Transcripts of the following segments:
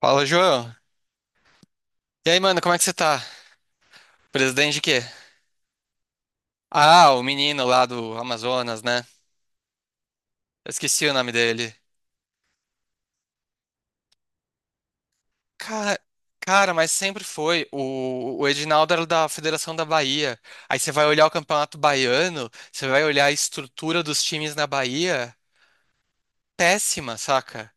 Fala, João. E aí, mano, como é que você tá? Presidente de quê? Ah, o menino lá do Amazonas, né? Eu esqueci o nome dele. Cara, cara, mas sempre foi. O Edinaldo era da Federação da Bahia. Aí você vai olhar o Campeonato Baiano, você vai olhar a estrutura dos times na Bahia. Péssima, saca?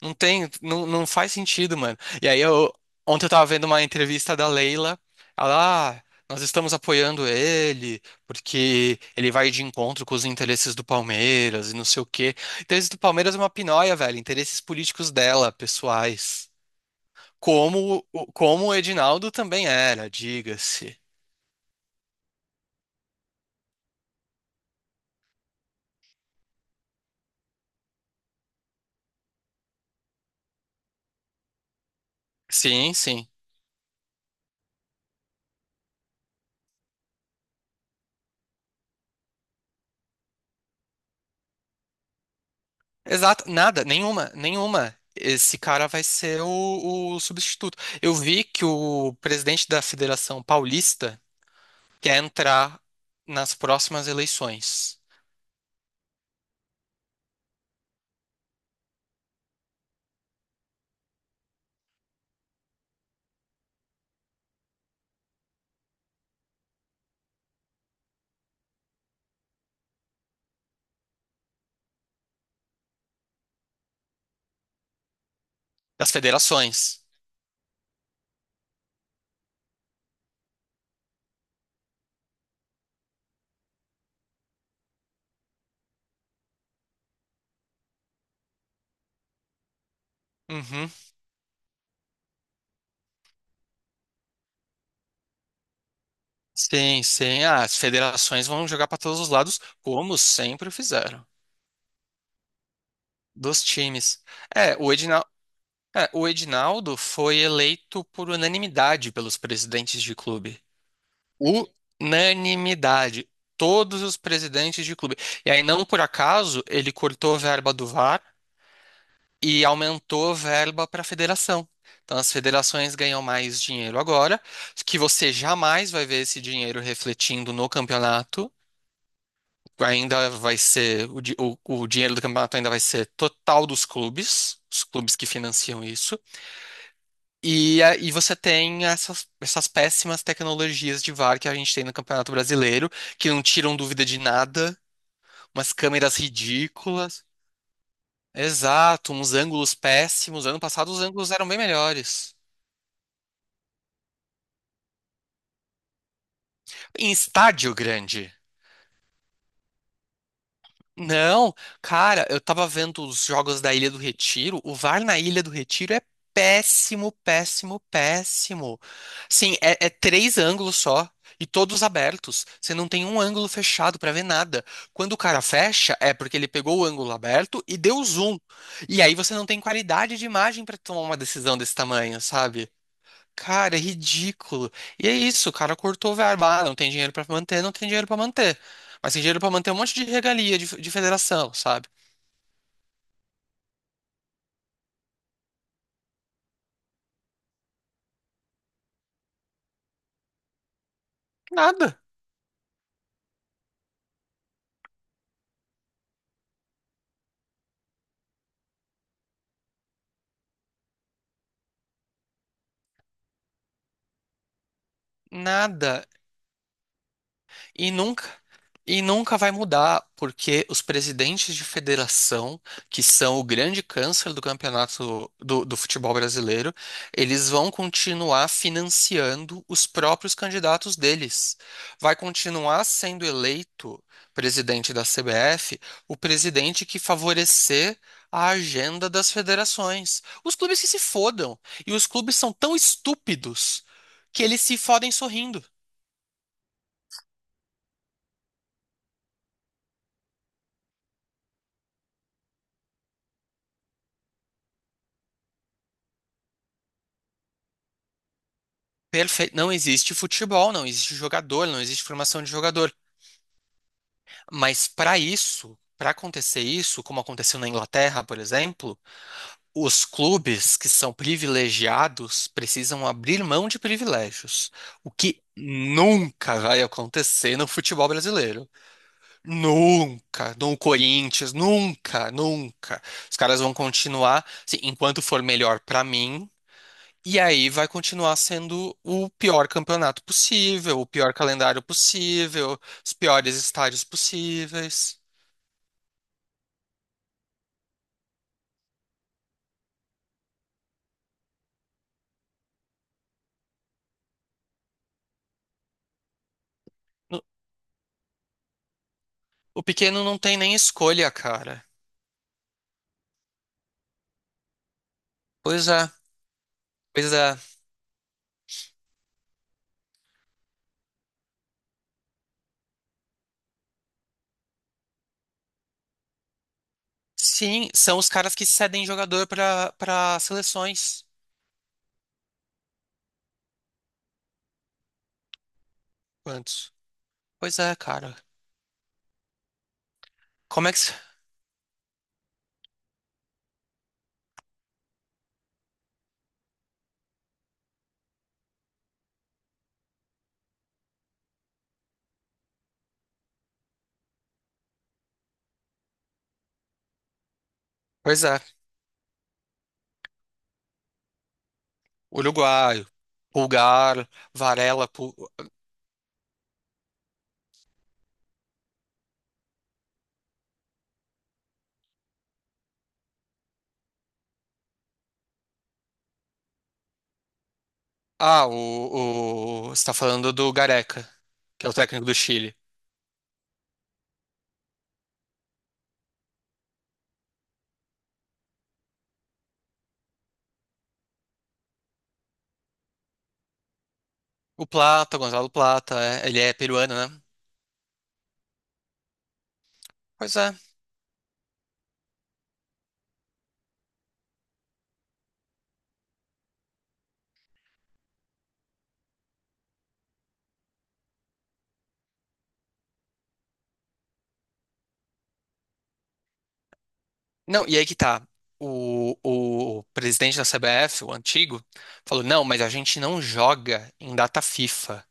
Não tem, não, não faz sentido, mano. E aí eu ontem eu tava vendo uma entrevista da Leila, ela, nós estamos apoiando ele porque ele vai de encontro com os interesses do Palmeiras e não sei o quê. Interesses do Palmeiras é uma pinóia, velho, interesses políticos dela, pessoais. Como o Edinaldo também era, diga-se. Sim, sim. Exato, nada, nenhuma, nenhuma. Esse cara vai ser o substituto. Eu vi que o presidente da Federação Paulista quer entrar nas próximas eleições das federações. Uhum. Sim, sim. Ah, as federações vão jogar para todos os lados, como sempre fizeram, dos times. É, o Edinal, é, o Edinaldo foi eleito por unanimidade pelos presidentes de clube. Unanimidade. Todos os presidentes de clube. E aí, não por acaso, ele cortou a verba do VAR e aumentou a verba para a federação. Então, as federações ganham mais dinheiro agora, que você jamais vai ver esse dinheiro refletindo no campeonato. Ainda vai ser, o, di- o dinheiro do campeonato ainda vai ser total dos clubes, os clubes que financiam isso. E você tem essas, essas péssimas tecnologias de VAR que a gente tem no Campeonato Brasileiro, que não tiram dúvida de nada, umas câmeras ridículas. Exato, uns ângulos péssimos. Ano passado os ângulos eram bem melhores. Em estádio grande. Não, cara, eu tava vendo os jogos da Ilha do Retiro. O VAR na Ilha do Retiro é péssimo, péssimo, péssimo. Sim, é, é três ângulos só e todos abertos. Você não tem um ângulo fechado pra ver nada. Quando o cara fecha, é porque ele pegou o ângulo aberto e deu zoom. E aí você não tem qualidade de imagem pra tomar uma decisão desse tamanho, sabe? Cara, é ridículo. E é isso, o cara cortou verba. Ah, não tem dinheiro pra manter, não tem dinheiro pra manter. Mas tem dinheiro pra manter um monte de regalia de federação, sabe? Nada. Nada. E nunca, e nunca vai mudar, porque os presidentes de federação, que são o grande câncer do campeonato do futebol brasileiro, eles vão continuar financiando os próprios candidatos deles. Vai continuar sendo eleito presidente da CBF o presidente que favorecer. A agenda das federações. Os clubes que se fodam. E os clubes são tão estúpidos que eles se fodem sorrindo. Perfeito. Não existe futebol, não existe jogador, não existe formação de jogador. Mas para isso, para acontecer isso, como aconteceu na Inglaterra, por exemplo, os clubes que são privilegiados precisam abrir mão de privilégios, o que nunca vai acontecer no futebol brasileiro. Nunca, no Corinthians, nunca, nunca. Os caras vão continuar, assim, enquanto for melhor para mim, e aí vai continuar sendo o pior campeonato possível, o pior calendário possível, os piores estádios possíveis. No- O pequeno não tem nem escolha, cara. Pois é, pois é. Sim, são os caras que cedem jogador para seleções. Quantos? Pois é, cara. Como é que. Se- Pois é. Uruguaio, Pulgar, Varela. Pul- Ah, o. Você tá falando do Gareca, que é o técnico do Chile. O Plata, o Gonzalo Plata, é, ele é peruano, né? Pois é. Não, e aí que tá. O, o presidente da CBF, o antigo, falou: não, mas a gente não joga em data FIFA.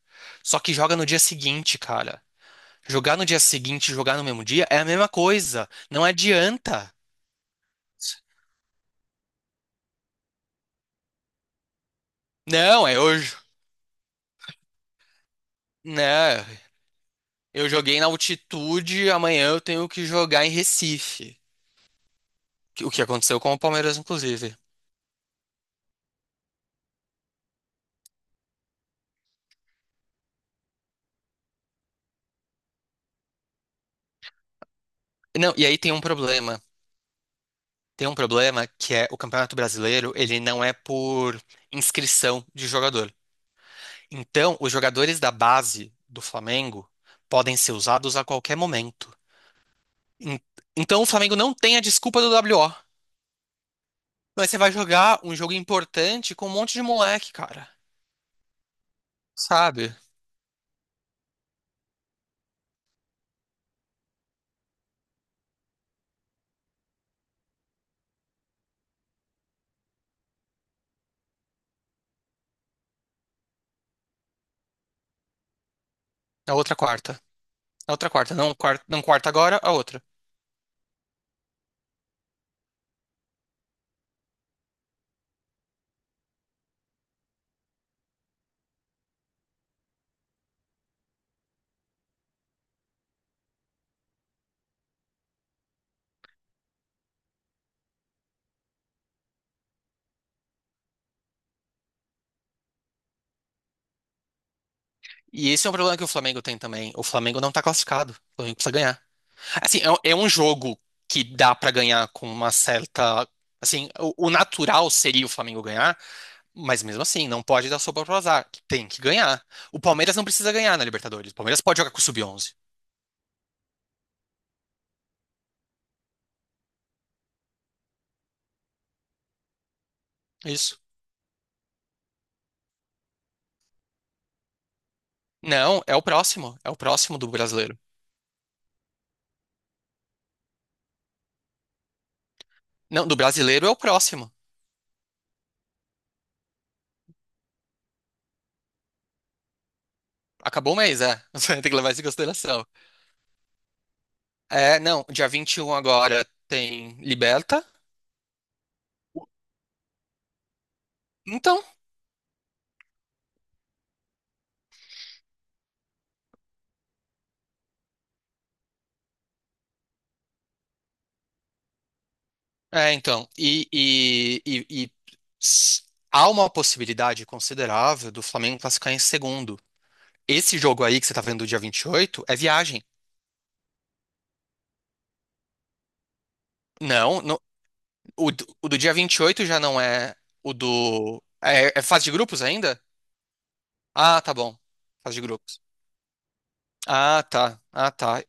Só que joga no dia seguinte, cara. Jogar no dia seguinte e jogar no mesmo dia é a mesma coisa. Não adianta. Não, é hoje. Né? Eu joguei na altitude, amanhã eu tenho que jogar em Recife. O que aconteceu com o Palmeiras, inclusive. Não, e aí tem um problema. Tem um problema que é o Campeonato Brasileiro, ele não é por inscrição de jogador. Então, os jogadores da base do Flamengo podem ser usados a qualquer momento. En- Então, o Flamengo não tem a desculpa do WO. Mas você vai jogar um jogo importante com um monte de moleque, cara. Sabe? Na outra quarta. Na outra quarta. Não, quarta, não quarta agora, a outra. E esse é um problema que o Flamengo tem também. O Flamengo não tá classificado. O Flamengo precisa ganhar. Assim, é, é um jogo que dá pra ganhar com uma certa. Assim, o natural seria o Flamengo ganhar, mas mesmo assim, não pode dar sopa pro azar. Tem que ganhar. O Palmeiras não precisa ganhar na Libertadores. O Palmeiras pode jogar com o Sub-11. Isso. Não, é o próximo. É o próximo do brasileiro. Não, do brasileiro é o próximo. Acabou o mês, é. Você tem que levar isso em consideração. É, não, dia 21 agora tem Liberta. Então, É, então, e, e- e- e s- há uma possibilidade considerável do Flamengo classificar em segundo. Esse jogo aí que você tá vendo do dia 28 é viagem. Não, não- o do dia 28 já não é o do. é, é fase de grupos ainda? Ah, tá bom. Fase de grupos. Ah, tá. Ah, tá.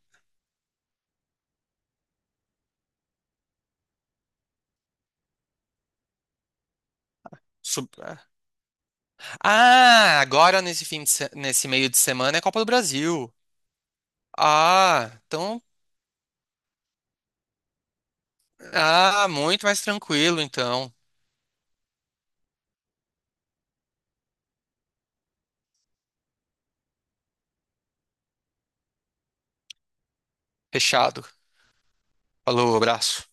Sub- é. Ah, agora nesse fim de se- nesse meio de semana é Copa do Brasil. Ah, então. Ah, muito mais tranquilo, então. Fechado. Falou, abraço.